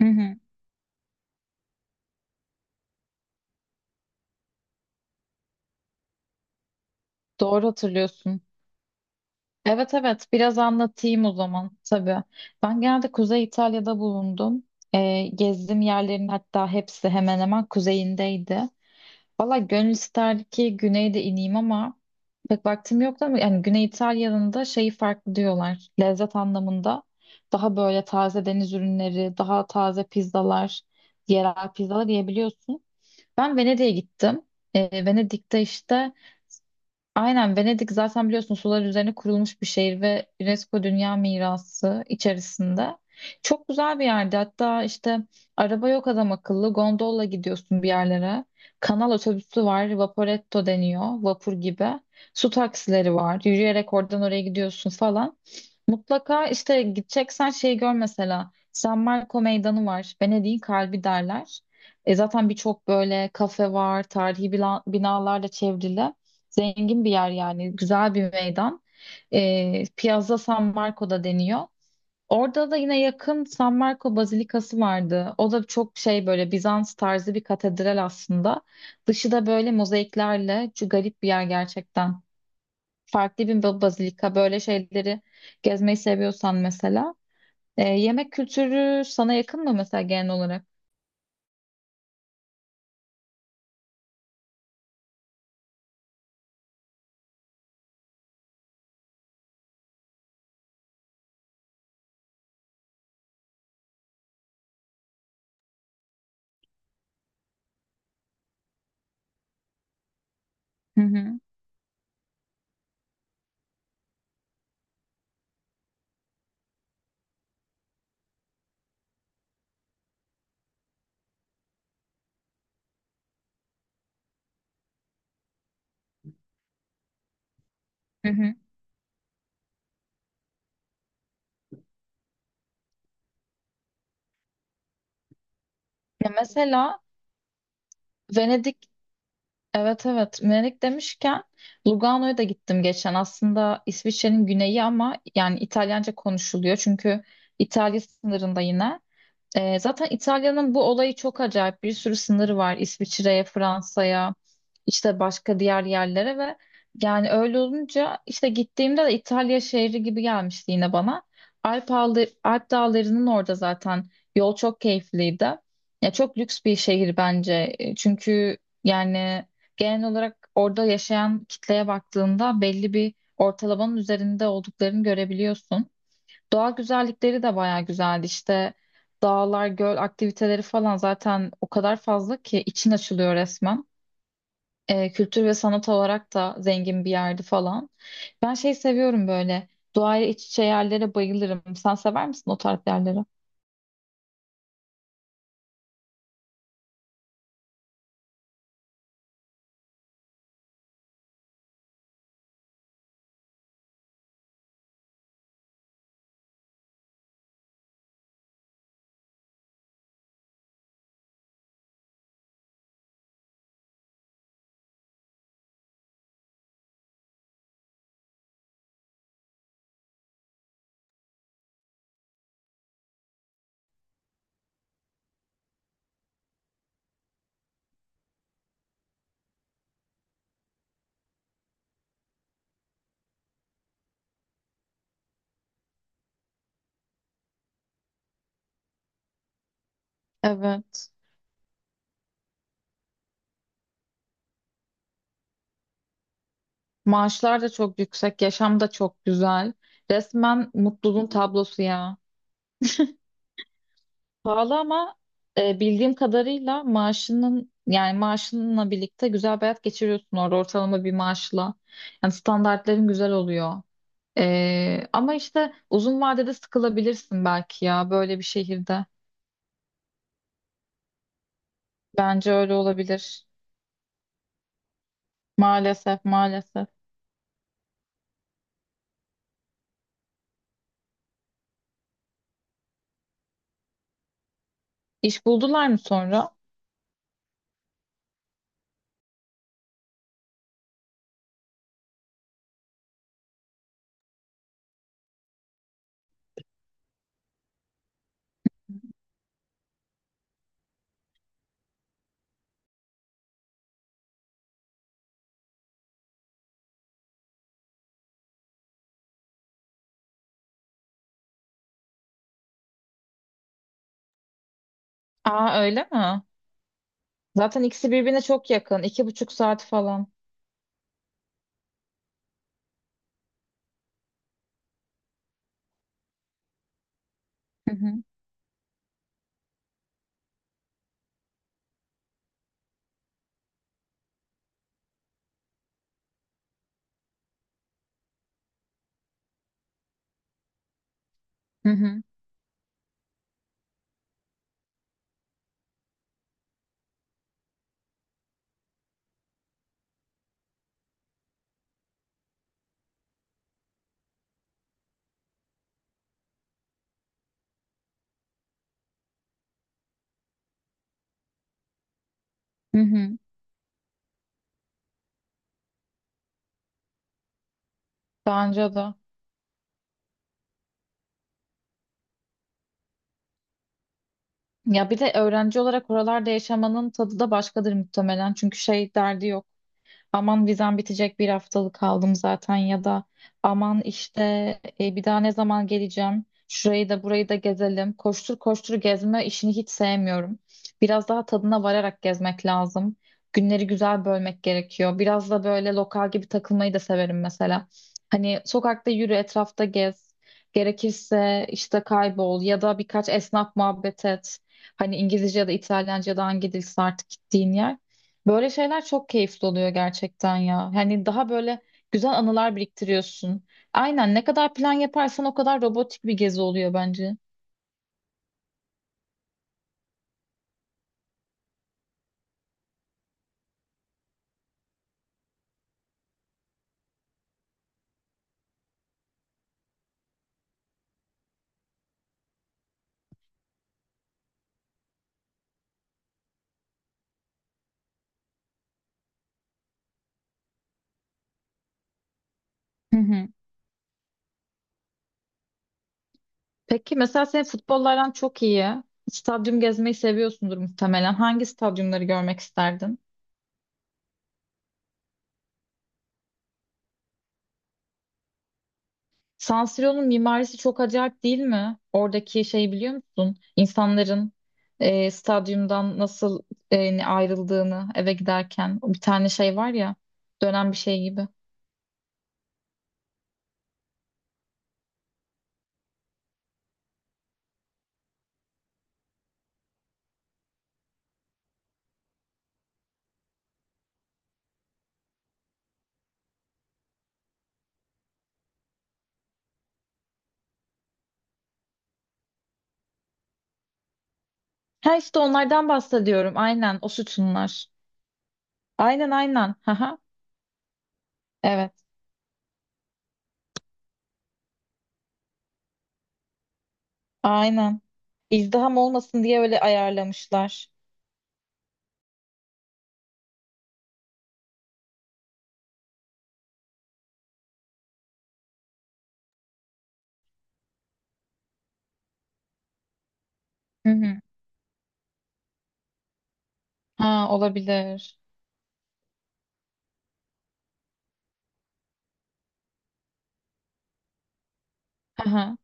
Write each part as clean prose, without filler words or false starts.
Hı hı, doğru hatırlıyorsun. Evet evet, biraz anlatayım o zaman tabii. Ben genelde Kuzey İtalya'da bulundum. Gezdiğim yerlerin hatta hepsi hemen hemen kuzeyindeydi. Valla gönül isterdi ki güneyde ineyim ama pek vaktim yoktu, ama yani Güney İtalya'nın da şeyi farklı diyorlar. Lezzet anlamında daha böyle taze deniz ürünleri, daha taze pizzalar, yerel pizzalar yiyebiliyorsun. Ben Venedik'e gittim. Venedik'te işte aynen, Venedik zaten biliyorsun sular üzerine kurulmuş bir şehir ve UNESCO Dünya Mirası içerisinde. Çok güzel bir yerdi. Hatta işte araba yok adam akıllı. Gondolla gidiyorsun bir yerlere. Kanal otobüsü var. Vaporetto deniyor. Vapur gibi. Su taksileri var. Yürüyerek oradan oraya gidiyorsun falan. Mutlaka işte gideceksen şeyi gör mesela. San Marco Meydanı var. Venedik'in kalbi derler. E zaten birçok böyle kafe var. Tarihi binalarla çevrili. Zengin bir yer yani. Güzel bir meydan. E, Piazza San Marco'da deniyor. Orada da yine yakın San Marco Bazilikası vardı. O da çok şey, böyle Bizans tarzı bir katedral aslında. Dışı da böyle mozaiklerle. Şu garip bir yer gerçekten, farklı bir bazilika, böyle şeyleri gezmeyi seviyorsan mesela. E, yemek kültürü sana yakın mı mesela genel olarak? Hı hı. Hı hı. Ya mesela Venedik, evet evet, Venedik demişken Lugano'ya da gittim geçen. Aslında İsviçre'nin güneyi ama yani İtalyanca konuşuluyor. Çünkü İtalya sınırında yine. Zaten İtalya'nın bu olayı çok acayip. Bir sürü sınırı var İsviçre'ye, Fransa'ya, işte başka diğer yerlere, ve yani öyle olunca işte gittiğimde de İtalya şehri gibi gelmişti yine bana. Alp dağlarının orada zaten yol çok keyifliydi. Ya çok lüks bir şehir bence. E, çünkü yani genel olarak orada yaşayan kitleye baktığında belli bir ortalamanın üzerinde olduklarını görebiliyorsun. Doğa güzellikleri de bayağı güzeldi. İşte dağlar, göl aktiviteleri falan zaten o kadar fazla ki için açılıyor resmen. Kültür ve sanat olarak da zengin bir yerdi falan. Ben şey seviyorum böyle. Doğayla iç içe yerlere bayılırım. Sen sever misin o tarz yerleri? Evet. Maaşlar da çok yüksek, yaşam da çok güzel. Resmen mutluluğun tablosu ya. Pahalı ama bildiğim kadarıyla maaşının, yani maaşınla birlikte güzel bir hayat geçiriyorsun orada ortalama bir maaşla. Yani standartların güzel oluyor. E, ama işte uzun vadede sıkılabilirsin belki ya böyle bir şehirde. Bence öyle olabilir. Maalesef maalesef. İş buldular mı sonra? Aa, öyle mi? Zaten ikisi birbirine çok yakın. 2,5 saat falan. Hı hı. Hı hı. Hı hı. Bence de. Ya bir de öğrenci olarak oralarda yaşamanın tadı da başkadır muhtemelen. Çünkü şey derdi yok, aman vizem bitecek bir haftalık kaldım zaten, ya da aman işte bir daha ne zaman geleceğim şurayı da burayı da gezelim, koştur koştur gezme işini hiç sevmiyorum, biraz daha tadına vararak gezmek lazım. Günleri güzel bölmek gerekiyor, biraz da böyle lokal gibi takılmayı da severim mesela. Hani sokakta yürü, etrafta gez, gerekirse işte kaybol ya da birkaç esnaf muhabbet et. Hani İngilizce ya da İtalyanca ya da hangi dilse artık gittiğin yer. Böyle şeyler çok keyifli oluyor gerçekten ya. Hani daha böyle güzel anılar biriktiriyorsun. Aynen, ne kadar plan yaparsan o kadar robotik bir gezi oluyor bence. Hı hı. Peki mesela senin futbollardan çok iyi. Stadyum gezmeyi seviyorsundur muhtemelen. Hangi stadyumları görmek isterdin? San Siro'nun mimarisi çok acayip değil mi? Oradaki şeyi biliyor musun? İnsanların stadyumdan nasıl ayrıldığını eve giderken. Bir tane şey var ya, dönen bir şey gibi. Ha işte onlardan bahsediyorum. Aynen, o sütunlar. Aynen aynen. Haha. Evet. Aynen. İzdiham olmasın diye öyle ayarlamışlar. Hı hı. Ha, olabilir. Haha.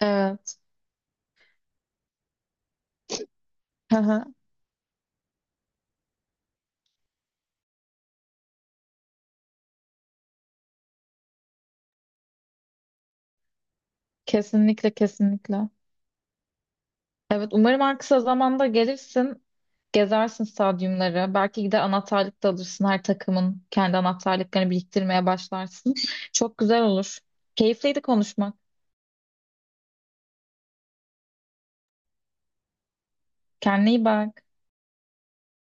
Evet. Haha. Kesinlikle kesinlikle. Evet, umarım en kısa zamanda gelirsin. Gezersin stadyumları. Belki de anahtarlık da alırsın. Her takımın kendi anahtarlıklarını biriktirmeye başlarsın. Çok güzel olur. Keyifliydi konuşmak. Kendine iyi bak.